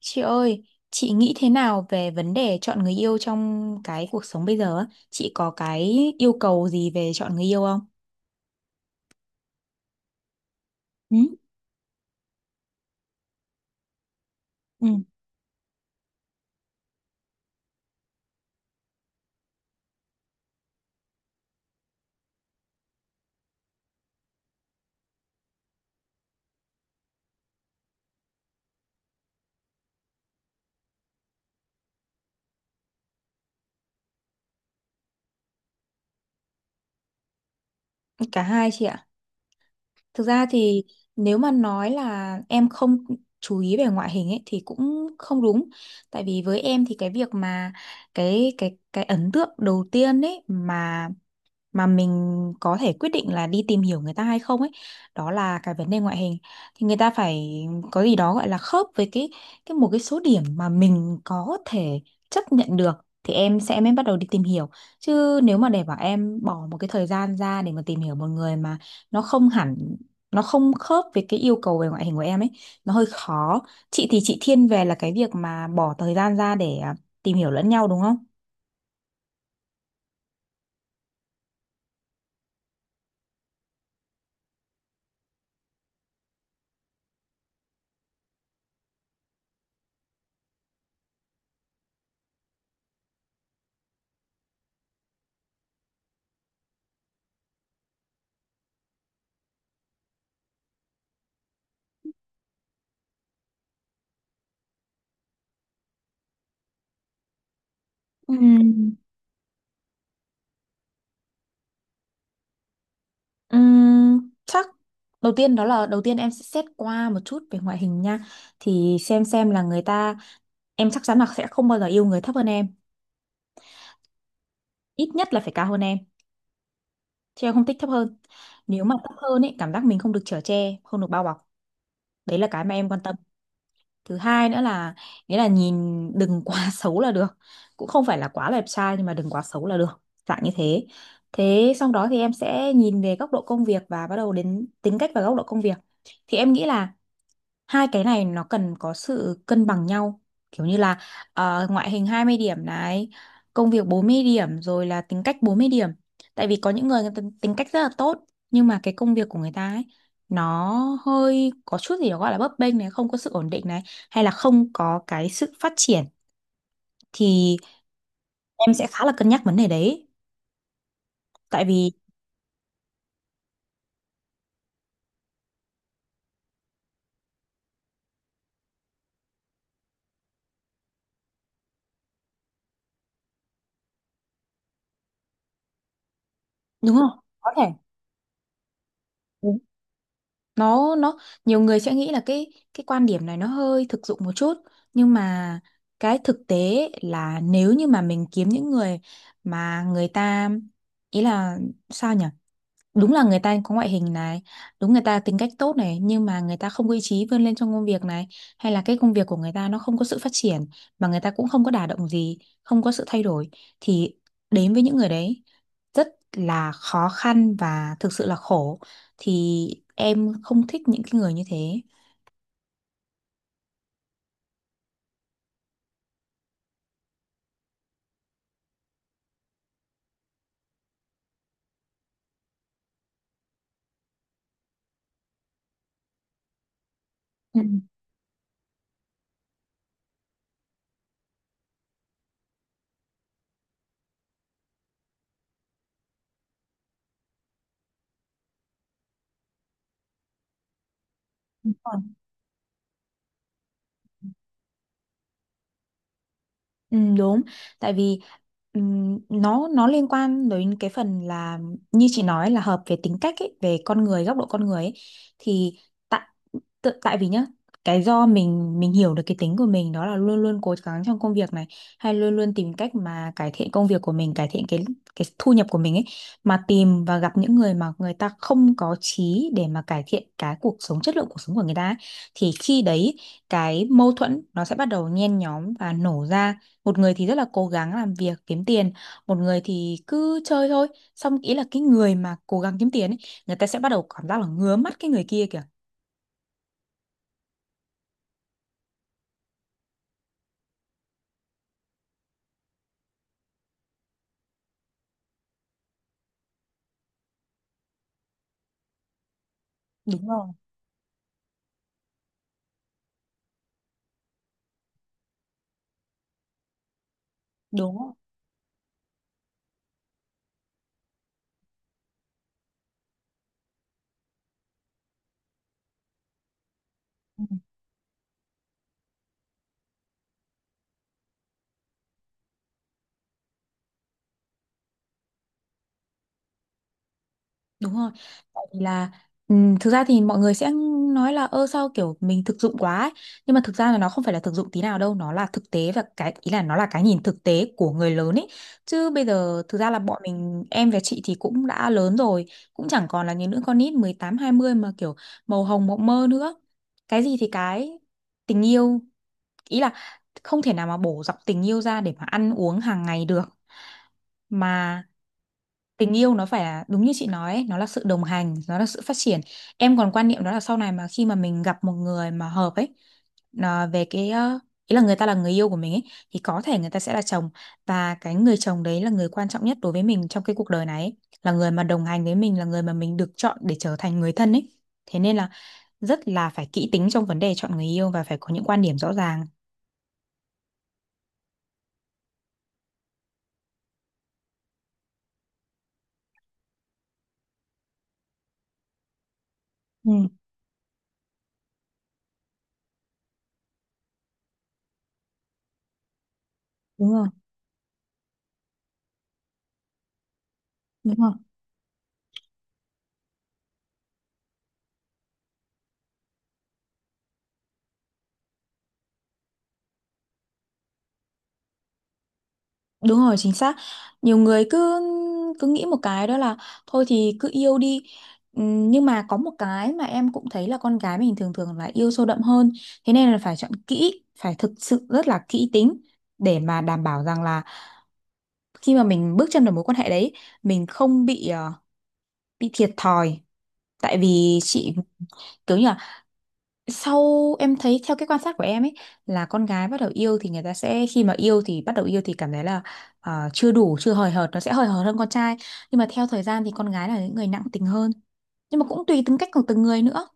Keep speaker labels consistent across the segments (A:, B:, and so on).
A: Chị ơi, chị nghĩ thế nào về vấn đề chọn người yêu trong cái cuộc sống bây giờ á? Chị có cái yêu cầu gì về chọn người yêu không? Ừ. Ừ, cả hai chị ạ. Thực ra thì nếu mà nói là em không chú ý về ngoại hình ấy thì cũng không đúng. Tại vì với em thì cái việc mà cái ấn tượng đầu tiên ấy mà mình có thể quyết định là đi tìm hiểu người ta hay không ấy, đó là cái vấn đề ngoại hình, thì người ta phải có gì đó gọi là khớp với cái một cái số điểm mà mình có thể chấp nhận được thì em sẽ mới bắt đầu đi tìm hiểu. Chứ nếu mà để bảo em bỏ một cái thời gian ra để mà tìm hiểu một người mà nó không hẳn, nó không khớp với cái yêu cầu về ngoại hình của em ấy, nó hơi khó. Chị thiên về là cái việc mà bỏ thời gian ra để tìm hiểu lẫn nhau đúng không? Ừ. Chắc đầu tiên đó là đầu tiên em sẽ xét qua một chút về ngoại hình nha, thì xem là người ta, em chắc chắn là sẽ không bao giờ yêu người thấp hơn em, ít nhất là phải cao hơn em, chứ em không thích thấp hơn. Nếu mà thấp hơn ấy cảm giác mình không được chở che, không được bao bọc, đấy là cái mà em quan tâm. Thứ hai nữa là, nghĩa là nhìn đừng quá xấu là được, cũng không phải là quá đẹp trai nhưng mà đừng quá xấu là được, dạng như thế. Thế xong đó thì em sẽ nhìn về góc độ công việc và bắt đầu đến tính cách và góc độ công việc, thì em nghĩ là hai cái này nó cần có sự cân bằng nhau, kiểu như là ngoại hình 20 điểm này, công việc 40 điểm, rồi là tính cách 40 điểm. Tại vì có những người, người ta tính cách rất là tốt nhưng mà cái công việc của người ta ấy, nó hơi có chút gì đó gọi là bấp bênh này, không có sự ổn định này, hay là không có cái sự phát triển, thì em sẽ khá là cân nhắc vấn đề đấy. Tại vì đúng không, có thể nó nhiều người sẽ nghĩ là cái quan điểm này nó hơi thực dụng một chút, nhưng mà cái thực tế là nếu như mà mình kiếm những người mà người ta, ý là sao nhỉ, đúng là người ta có ngoại hình này, đúng người ta tính cách tốt này, nhưng mà người ta không có ý chí vươn lên trong công việc này, hay là cái công việc của người ta nó không có sự phát triển, mà người ta cũng không có đả động gì, không có sự thay đổi, thì đến với những người đấy rất là khó khăn và thực sự là khổ, thì em không thích những cái người như thế. Ừ. Đúng rồi. Ừ, đúng. Tại vì nó liên quan đến cái phần là, như chị nói là hợp về tính cách ấy, về con người, góc độ con người ấy. Thì tại tại vì nhá, cái do mình hiểu được cái tính của mình đó là luôn luôn cố gắng trong công việc này, hay luôn luôn tìm cách mà cải thiện công việc của mình, cải thiện cái thu nhập của mình ấy, mà tìm và gặp những người mà người ta không có chí để mà cải thiện cái cuộc sống, chất lượng cuộc sống của người ta ấy, thì khi đấy cái mâu thuẫn nó sẽ bắt đầu nhen nhóm và nổ ra. Một người thì rất là cố gắng làm việc kiếm tiền, một người thì cứ chơi thôi, xong ý là cái người mà cố gắng kiếm tiền ấy, người ta sẽ bắt đầu cảm giác là ngứa mắt cái người kia kìa. Đúng rồi. Đúng rồi. Đúng rồi. Tại vì là, thực ra thì mọi người sẽ nói là ơ sao kiểu mình thực dụng quá ấy. Nhưng mà thực ra là nó không phải là thực dụng tí nào đâu, nó là thực tế, và cái ý là nó là cái nhìn thực tế của người lớn ấy. Chứ bây giờ thực ra là bọn mình, em và chị thì cũng đã lớn rồi, cũng chẳng còn là những đứa con nít 18 20 mà kiểu màu hồng mộng mơ nữa. Cái gì thì cái, tình yêu, ý là không thể nào mà bổ dọc tình yêu ra để mà ăn uống hàng ngày được. Mà tình yêu nó phải là đúng như chị nói ấy, nó là sự đồng hành, nó là sự phát triển. Em còn quan niệm đó là sau này mà khi mà mình gặp một người mà hợp ấy, nó về cái ý là người ta là người yêu của mình ấy, thì có thể người ta sẽ là chồng, và cái người chồng đấy là người quan trọng nhất đối với mình trong cái cuộc đời này ấy. Là người mà đồng hành với mình, là người mà mình được chọn để trở thành người thân ấy, thế nên là rất là phải kỹ tính trong vấn đề chọn người yêu và phải có những quan điểm rõ ràng. Ừ, đúng rồi, đúng rồi. Đúng rồi, chính xác. Nhiều người cứ cứ nghĩ một cái đó là thôi thì cứ yêu đi. Nhưng mà có một cái mà em cũng thấy là con gái mình thường thường là yêu sâu đậm hơn. Thế nên là phải chọn kỹ, phải thực sự rất là kỹ tính để mà đảm bảo rằng là khi mà mình bước chân vào mối quan hệ đấy, mình không bị bị thiệt thòi. Tại vì chị, kiểu như, sau em thấy theo cái quan sát của em ấy, là con gái bắt đầu yêu thì người ta sẽ, khi mà yêu thì bắt đầu yêu thì cảm thấy là chưa đủ, chưa hời hợt, nó sẽ hời hợt hơn con trai, nhưng mà theo thời gian thì con gái là những người nặng tình hơn, nhưng mà cũng tùy tính cách của từng người nữa.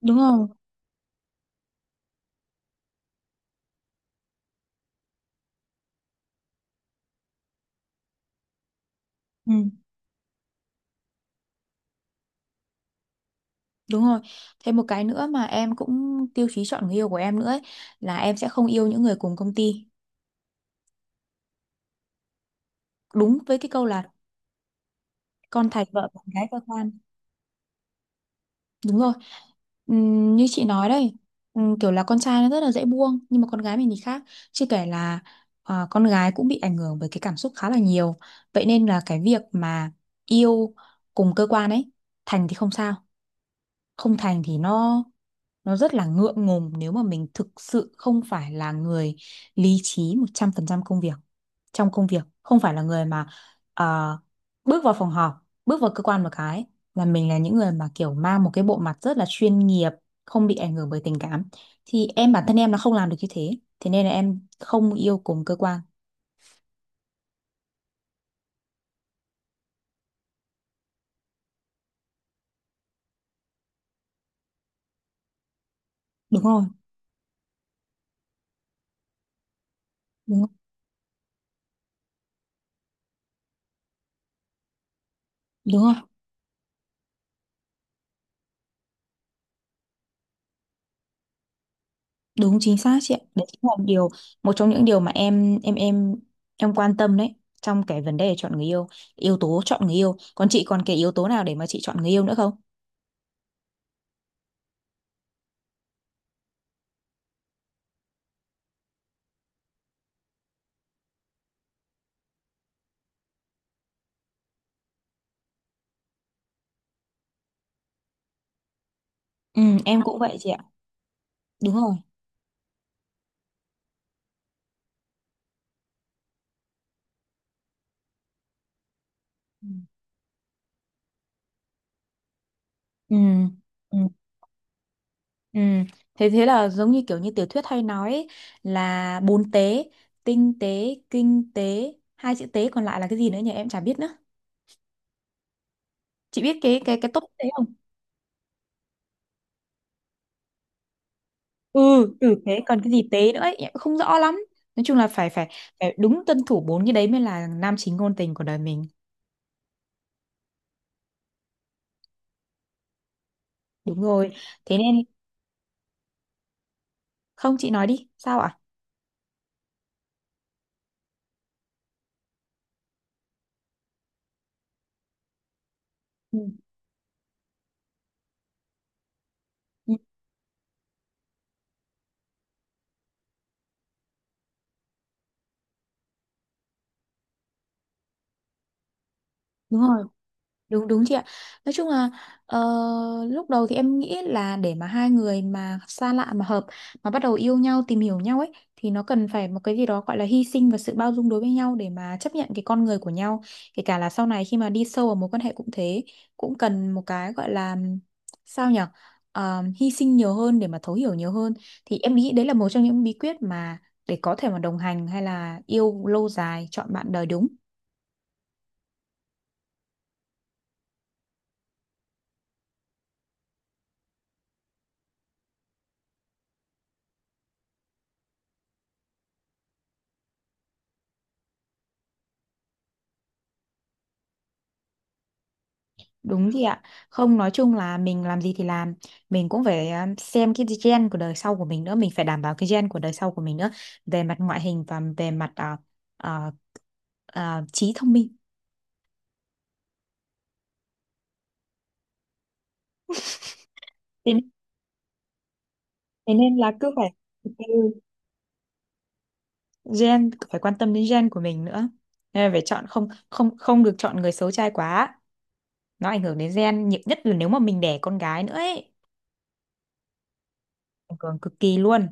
A: Đúng không? Ừ, đúng rồi. Thêm một cái nữa mà em cũng tiêu chí chọn người yêu của em nữa ấy, là em sẽ không yêu những người cùng công ty, đúng với cái câu là con thạch vợ bạn gái cơ quan. Đúng rồi. Như chị nói đây, kiểu là con trai nó rất là dễ buông, nhưng mà con gái mình thì khác. Chưa kể là à, con gái cũng bị ảnh hưởng bởi cái cảm xúc khá là nhiều. Vậy nên là cái việc mà yêu cùng cơ quan ấy, thành thì không sao, không thành thì nó rất là ngượng ngùng, nếu mà mình thực sự không phải là người lý trí 100% công việc, trong công việc không phải là người mà ờ, bước vào phòng họp, bước vào cơ quan một cái là mình là những người mà kiểu mang một cái bộ mặt rất là chuyên nghiệp, không bị ảnh hưởng bởi tình cảm, thì em bản thân em nó không làm được như thế, thế nên là em không yêu cùng cơ quan. Đúng rồi. Đúng rồi. Đúng rồi. Đúng chính xác chị ạ. Đấy chính là điều, một trong những điều mà em quan tâm đấy, trong cái vấn đề chọn người yêu, yếu tố chọn người yêu. Còn chị còn cái yếu tố nào để mà chị chọn người yêu nữa không? Ừ, em cũng vậy chị ạ. Đúng rồi. Ừ. Ừ. Ừ. Ừ. Thế thế là giống như kiểu như tiểu thuyết hay nói ấy, là bốn tế: tinh tế, kinh tế, hai chữ tế còn lại là cái gì nữa nhỉ? Em chả biết nữa. Chị biết cái tốt tế không? Ừ. Ừ, thế còn cái gì tế nữa ấy em cũng không rõ lắm. Nói chung là phải phải phải đúng tuân thủ bốn cái đấy mới là nam chính ngôn tình của đời mình. Đúng rồi. Thế nên, không chị nói đi sao ạ. Ừ. Ừ, đúng rồi. Đúng đúng chị ạ. Nói chung là ờ, lúc đầu thì em nghĩ là để mà hai người mà xa lạ mà hợp mà bắt đầu yêu nhau, tìm hiểu nhau ấy, thì nó cần phải một cái gì đó gọi là hy sinh và sự bao dung đối với nhau để mà chấp nhận cái con người của nhau. Kể cả là sau này khi mà đi sâu vào mối quan hệ cũng thế, cũng cần một cái gọi là, sao nhở, ờ, hy sinh nhiều hơn để mà thấu hiểu nhiều hơn, thì em nghĩ đấy là một trong những bí quyết mà để có thể mà đồng hành hay là yêu lâu dài, chọn bạn đời đúng. Đúng chị ạ. Không nói chung là mình làm gì thì làm, mình cũng phải xem cái gen của đời sau của mình nữa, mình phải đảm bảo cái gen của đời sau của mình nữa về mặt ngoại hình và về mặt à, trí thông minh. Thế, thế nên là cứ phải, ừ, gen, phải quan tâm đến gen của mình nữa. Nên là phải chọn, không không không được chọn người xấu trai quá. Nó ảnh hưởng đến gen, nhiều nhất là nếu mà mình đẻ con gái nữa ấy, ảnh hưởng cực kỳ luôn.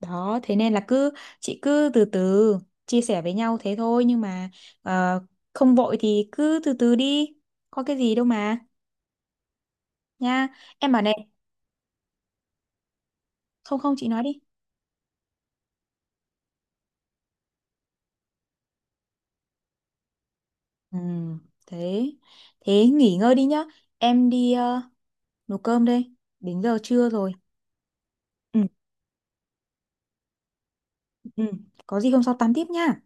A: Đó, thế nên là cứ, chị cứ từ từ chia sẻ với nhau thế thôi, nhưng mà ờ, không vội thì cứ từ từ đi. Có cái gì đâu mà, nha. Em bảo này, không không chị nói đi. Ừ, thế thế nghỉ ngơi đi nhá. Em đi nấu cơm đây. Đến giờ trưa rồi. Ừ, ừ. Có gì hôm sau tám tiếp nha.